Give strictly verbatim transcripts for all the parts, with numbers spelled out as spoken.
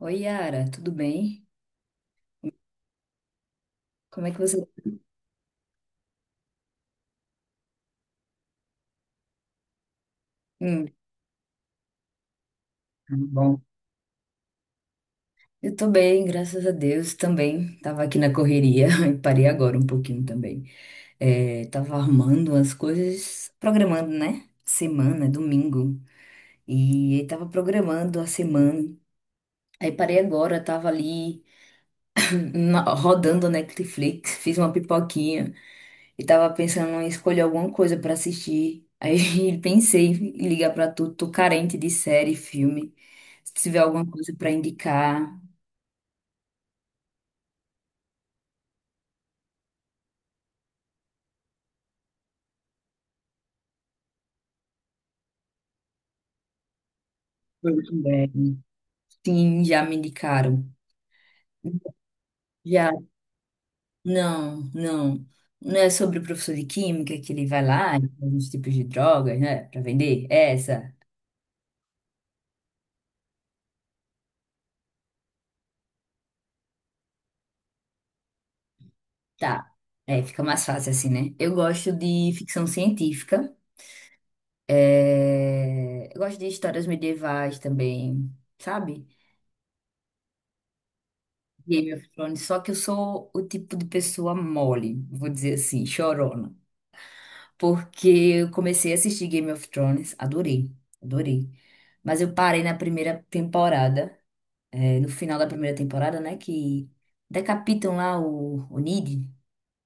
Oi, Yara, tudo bem? Como é que você. Hum, tudo bom. Eu tô bem, graças a Deus também. Tava aqui na correria e parei agora um pouquinho também. É, tava armando as coisas, programando, né? Semana, domingo. E aí tava programando a semana. Aí parei agora, tava ali hum, hum, rodando a Netflix, fiz uma pipoquinha. E tava pensando em escolher alguma coisa pra assistir. Aí pensei em ligar pra tu, tô carente de série, filme. Se tiver alguma coisa pra indicar, eu também. Sim, já me indicaram. Já, não, não. Não é sobre o professor de química que ele vai lá e faz uns tipos de drogas, né? Pra vender? É essa? Tá. É, fica mais fácil assim, né? Eu gosto de ficção científica. É... Eu gosto de histórias medievais também, sabe? Game of Thrones, só que eu sou o tipo de pessoa mole, vou dizer assim, chorona. Porque eu comecei a assistir Game of Thrones, adorei, adorei. Mas eu parei na primeira temporada, eh, no final da primeira temporada, né? Que decapitam lá o, o Ned,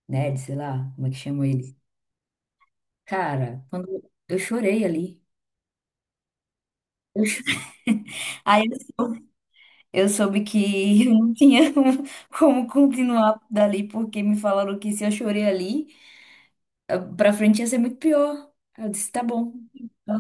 Ned, sei lá, como é que chama ele. Cara, quando eu chorei ali. Eu chorei. Aí eu sou- eu soube que eu não tinha como, como continuar dali, porque me falaram que se eu chorei ali. Pra frente ia ser muito pior. Aí eu disse, tá bom. Ela.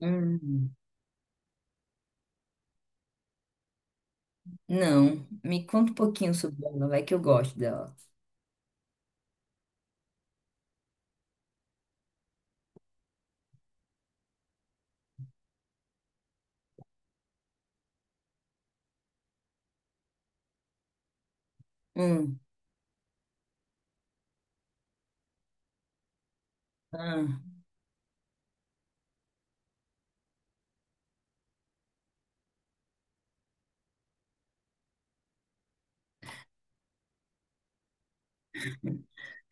Hum. Não, me conta um pouquinho sobre ela, vai que eu gosto dela. Hum, ah,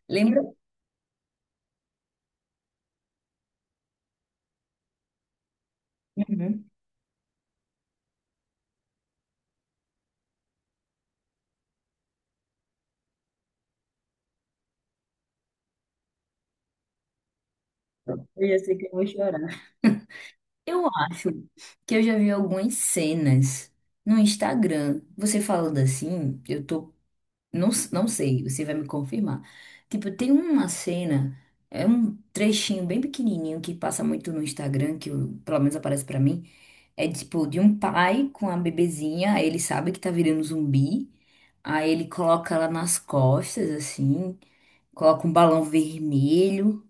lembra? Uhum. Eu já sei que eu vou chorar. Eu acho que eu já vi algumas cenas no Instagram. Você falando assim, eu tô. Não, s- não sei, você vai me confirmar. Tipo, tem uma cena, é um trechinho bem pequenininho que passa muito no Instagram, que eu- pelo menos aparece pra mim. É tipo de um pai com a bebezinha, aí ele sabe que tá virando zumbi, aí ele coloca ela nas costas, assim, coloca um balão vermelho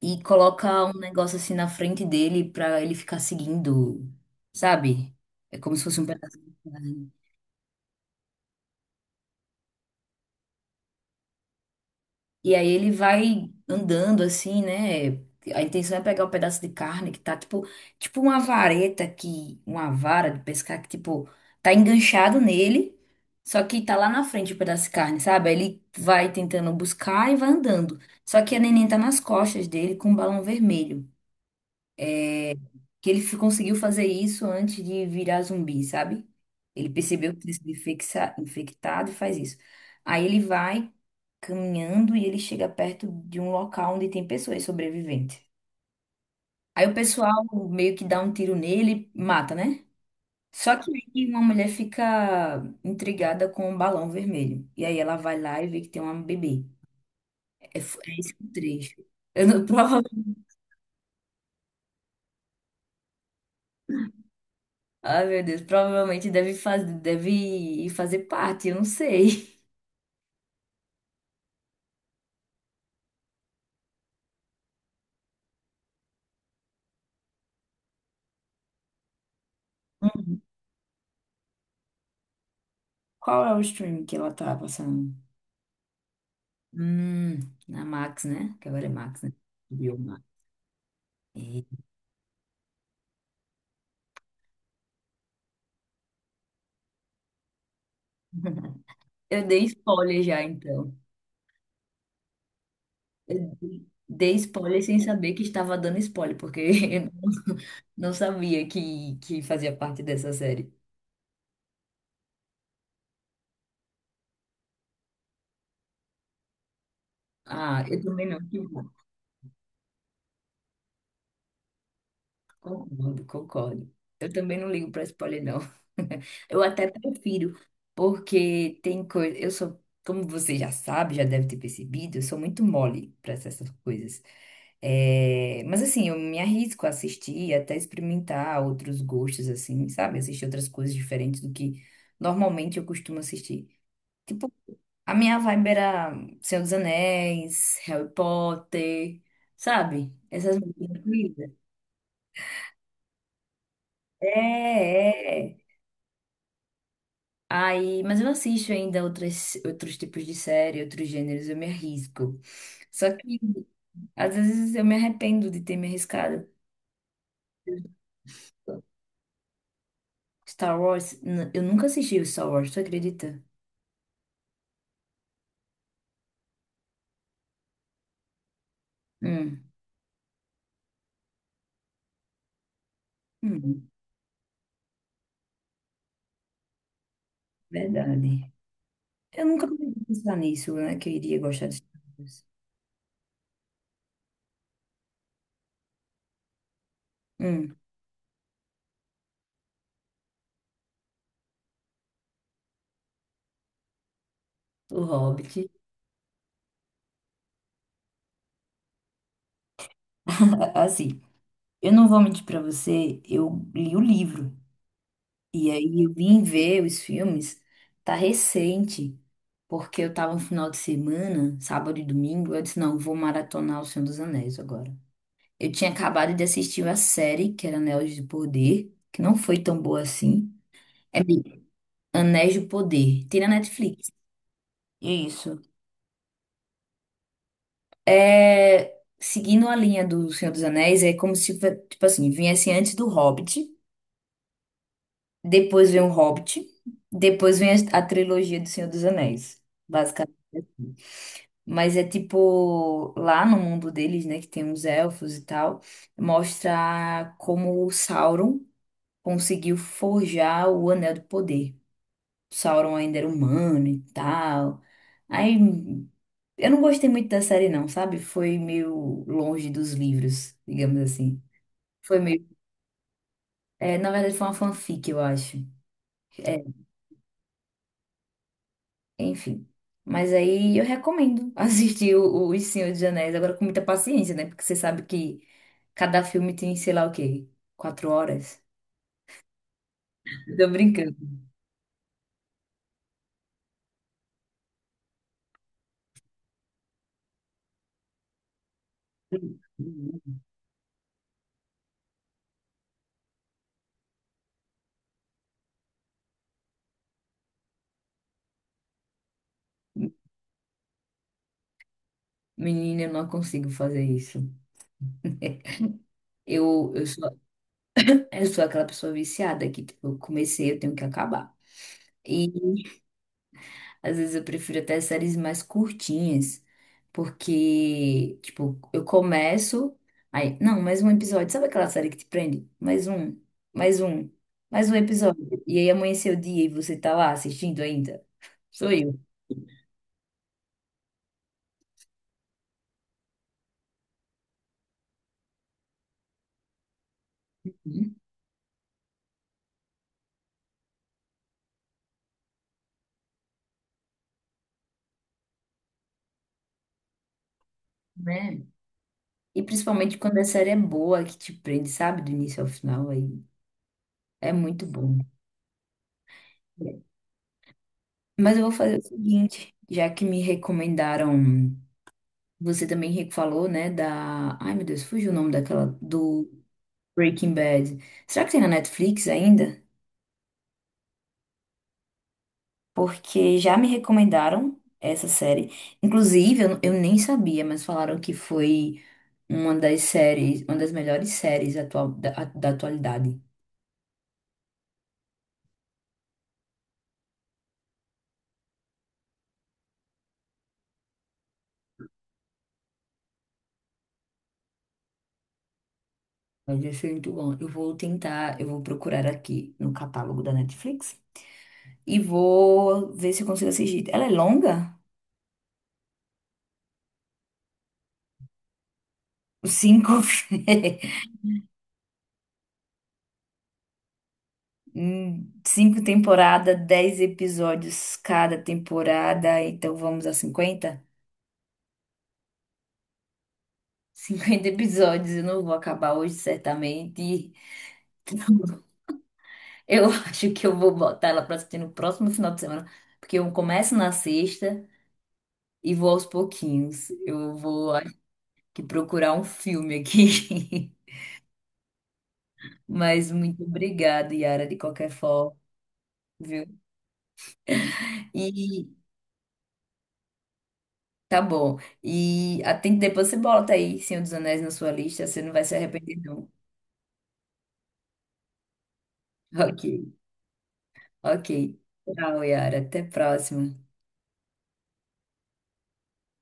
e coloca um negócio assim na frente dele pra ele ficar seguindo, sabe? É como se fosse um pedaço de carne. E aí ele vai andando assim, né? A intenção é pegar o pedaço de carne que tá tipo, tipo uma vareta que, uma vara de pescar que tipo tá enganchado nele, só que tá lá na frente o pedaço de carne, sabe? Aí ele vai tentando buscar e vai andando. Só que a neném tá nas costas dele com um balão vermelho que ele fi- conseguiu fazer isso antes de virar zumbi, sabe? Ele percebeu que tinha sido infexa- infectado e faz isso. Aí ele vai caminhando e ele chega perto de um local onde tem pessoas sobreviventes. Aí o pessoal meio que dá um tiro nele e mata, né? Só que aí uma mulher fica intrigada com um balão vermelho. E aí ela vai lá e vê que tem uma bebê. É, f- é esse o trecho. Eu não, prova. Ai, meu Deus, provavelmente deve fazer, deve fazer parte, eu não sei. Qual é o stream que ela tá passando? Hum, na Max, né? Que agora é Max, né? Subiu Max. É. Eu dei spoiler já, então. Eu dei spoiler sem saber que estava dando spoiler, porque eu não não sabia que, que fazia parte dessa série. Ah, eu também não. Concordo, concordo. Eu também não ligo para spoiler, não. Eu até prefiro, porque tem coisa. Eu sou, como você já sabe, já deve ter percebido, eu sou muito mole para essas coisas. É, mas assim, eu me arrisco a assistir, até experimentar outros gostos, assim, sabe? Assistir outras coisas diferentes do que normalmente eu costumo assistir. Tipo, a minha vibe era Senhor dos Anéis, Harry Potter, sabe? Essas coisas. É, é. Aí, mas eu assisto ainda outras, outros tipos de série, outros gêneros, eu me arrisco. Só que às vezes eu me arrependo de ter me arriscado. Star Wars, n- eu nunca assisti o Star Wars, tu acredita? Hum, hum, verdade. Eu nunca parei de pensar nisso, né? Que eu iria gostar de Star Wars. Hum, o Hobbit. Assim, eu não vou mentir pra você, eu li o livro. E aí eu vim ver os filmes, tá recente, porque eu tava no final de semana, sábado e domingo, eu disse, não, vou maratonar O Senhor dos Anéis agora. Eu tinha acabado de assistir a série, que era Anéis de Poder, que não foi tão boa assim. É Anéis de Poder, tem na Netflix. Isso. É, seguindo a linha do Senhor dos Anéis, é como se, tipo assim, viesse antes do Hobbit, depois vem o Hobbit, depois vem a a trilogia do Senhor dos Anéis. Basicamente. Mas é tipo, lá no mundo deles, né, que tem os elfos e tal, mostra como o Sauron conseguiu forjar o Anel do Poder. O Sauron ainda era humano e tal. Aí eu não gostei muito da série, não, sabe? Foi meio longe dos livros, digamos assim. Foi meio. É, na verdade, foi uma fanfic, eu acho. Enfim. Mas aí eu recomendo assistir o, o Os Senhor dos Anéis, agora com muita paciência, né? Porque você sabe que cada filme tem, sei lá o quê, quatro horas. Tô brincando. Menina, eu não consigo fazer isso. Eu, eu sou, eu sou aquela pessoa viciada que, tipo, eu comecei, eu tenho que acabar. Às vezes eu prefiro até séries mais curtinhas, porque, tipo, eu começo, aí, não, mais um episódio. Sabe aquela série que te prende? Mais um, mais um, mais um episódio. E aí amanheceu o dia e você tá lá assistindo ainda? Sou eu, né? E principalmente quando a série é boa, que te prende, sabe, do início ao final, aí é muito bom. Mas eu vou fazer o seguinte, já que me recomendaram, você também re- falou, né, da, ai meu Deus, fugiu o nome daquela, do Breaking Bad. Será que tem na Netflix ainda? Porque já me recomendaram essa série. Inclusive, eu, eu nem sabia, mas falaram que foi uma das séries, uma das melhores séries atual, da, da atualidade. Mas isso é muito bom. Eu vou tentar, eu vou procurar aqui no catálogo da Netflix e vou ver se eu consigo assistir. Ela é longa? Cinco. Hum, cinco temporadas, dez episódios cada temporada, então vamos a cinquenta. Cinquenta episódios, eu não vou acabar hoje, certamente. Eu acho que eu vou botar ela pra assistir no próximo final de semana, porque eu começo na sexta e vou aos pouquinhos. Eu vou, acho que, procurar um filme aqui. Mas muito obrigada, Yara, de qualquer forma, viu? E tá bom. E atende, depois você bota aí Senhor dos Anéis na sua lista, você não vai se arrepender, não. Ok, ok. Tchau, Yara. Até a próxima.